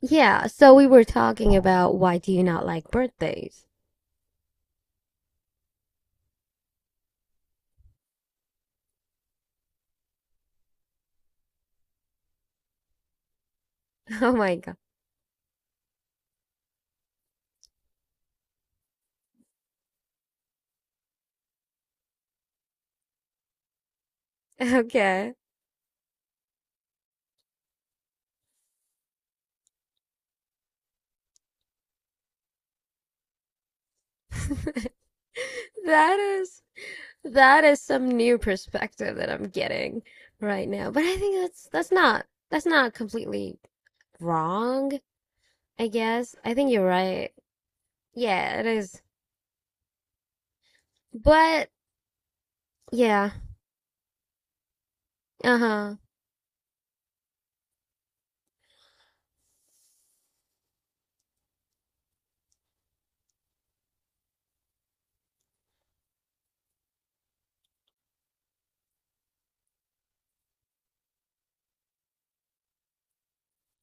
Yeah, so we were talking about why do you not like birthdays? Oh my God. Okay. That is that is some new perspective that I'm getting right now. But I think that's not completely wrong, I guess. I think you're right. Yeah, it is. But yeah. Uh-huh.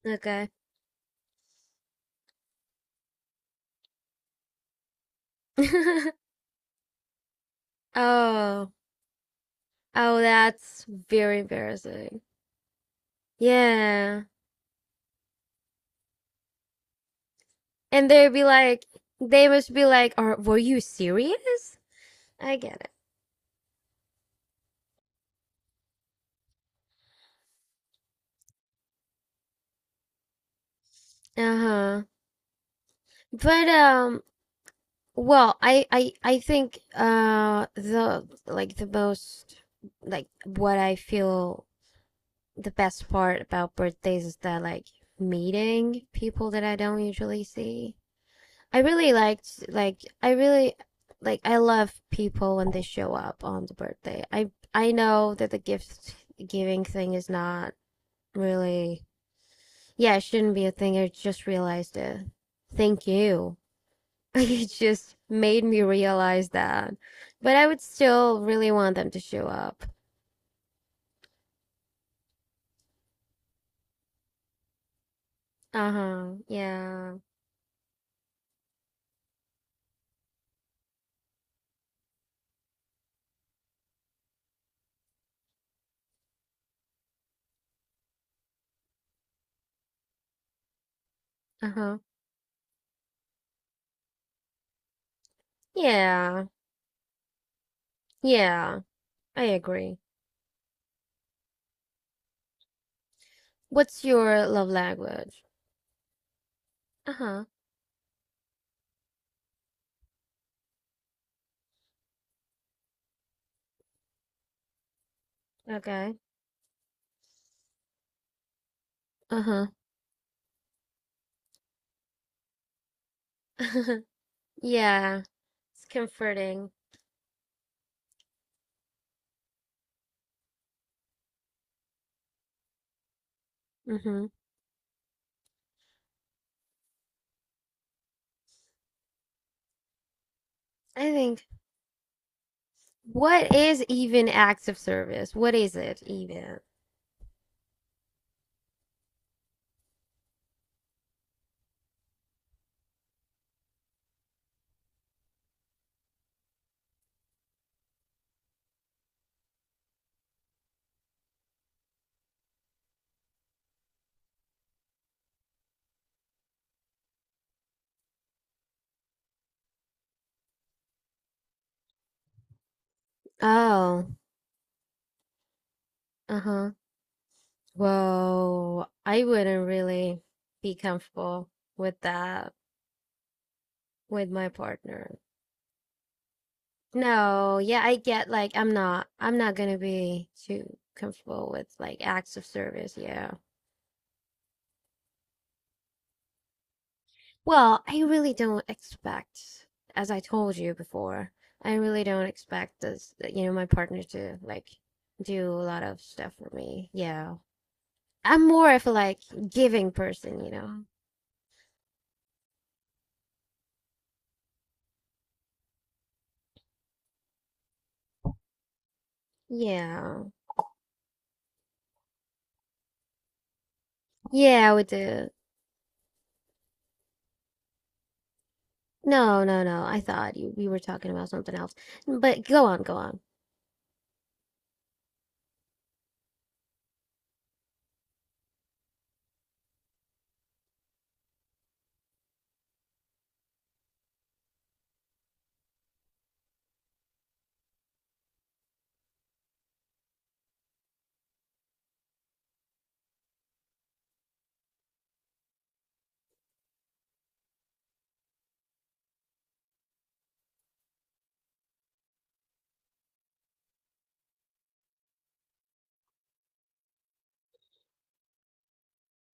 Okay. Oh. Oh, that's very embarrassing. Yeah. And they'd be like, they must be like, were you serious? I get it. Uh huh. But, well, I think, the, like, the most, like, what I feel the best part about birthdays is that, like, meeting people that I don't usually see. I really liked, like, I really, like, I love people when they show up on the birthday. I know that the gift giving thing is not really. Yeah, it shouldn't be a thing. I just realized it. Thank you. It just made me realize that. But I would still really want them to show up. Uh-huh. Yeah. Uh-huh. Yeah. Yeah. I agree. What's your love language? Uh-huh. Okay. Uh-huh. Yeah. It's comforting. Mm-hmm. I think, what is even acts of service? What is it even? Oh. Uh-huh. Well, I wouldn't really be comfortable with that with my partner. No, yeah, I get like I'm not gonna be too comfortable with like acts of service, yeah. Well, I really don't expect, as I told you before, I really don't expect this, you know, my partner to like do a lot of stuff for me. Yeah. I'm more of a like giving person, you know. Yeah. Yeah, with the. No, no, no. I thought you we were talking about something else. But go on, go on.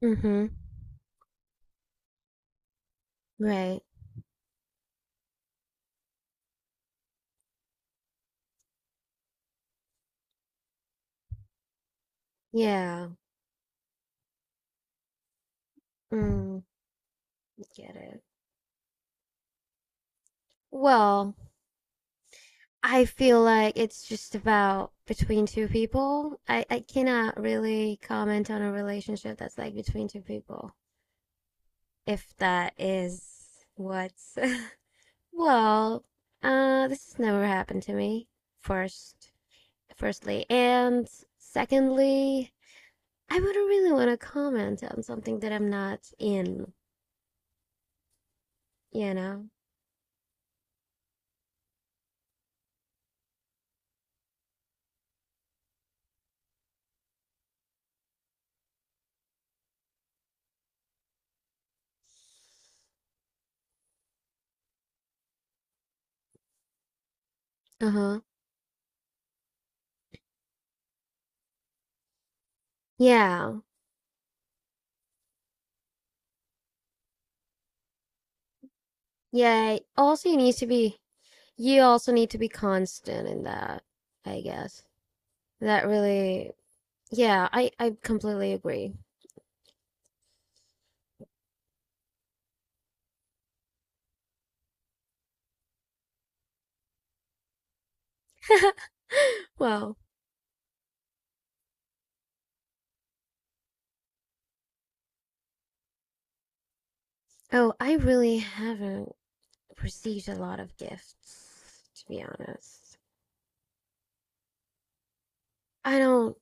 Mm-hmm. Right. Yeah. Mm, get it. Well, I feel like it's just about between two people. I cannot really comment on a relationship that's like between two people, if that is what's. Well, this has never happened to me, first, firstly. And secondly, I wouldn't really want to comment on something that I'm not in, you know? Uh-huh. Yeah. Yeah. Also, you also need to be constant in that, I guess. That really, yeah, I completely agree. Well, oh, I really haven't received a lot of gifts, to be honest. I don't,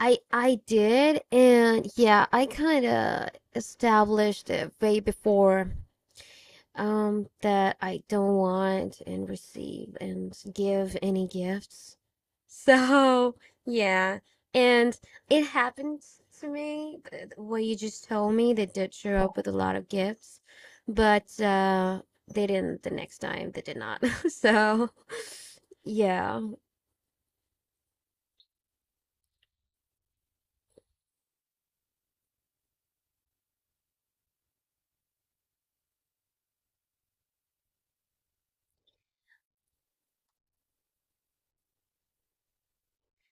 I did, and yeah, I kind of established it way before that I don't want and receive and give any gifts. So, yeah. And it happened to me, what you just told me. They did show up with a lot of gifts, but they didn't the next time. They did not. So, yeah.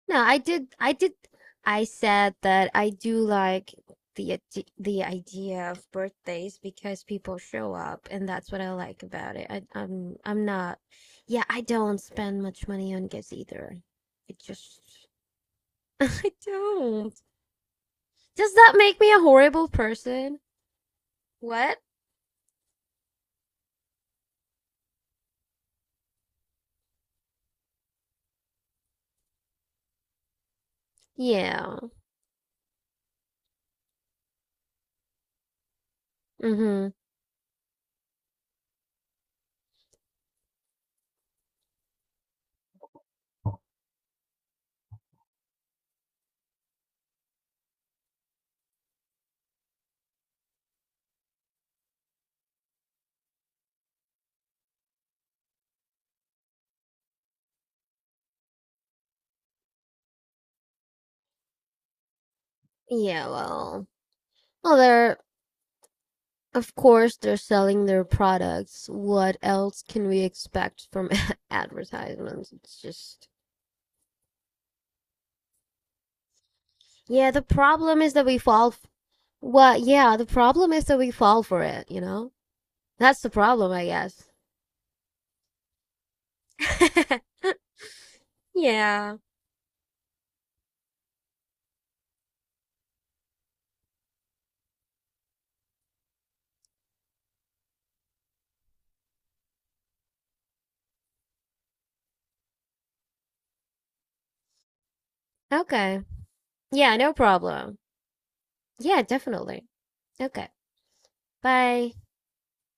No, I did. I said that I do like the idea of birthdays because people show up, and that's what I like about it. I'm not. Yeah, I don't spend much money on gifts either. It just I don't. Does that make me a horrible person? What? Yeah. Mm-hmm. Yeah. Well. Well, there. Of course they're selling their products. What else can we expect from advertisements? It's just. Yeah, the problem is that we fall f- well, yeah, the problem is that we fall for it, you know? That's the problem, I guess. Yeah. Okay. Yeah, no problem. Yeah, definitely. Okay. Bye.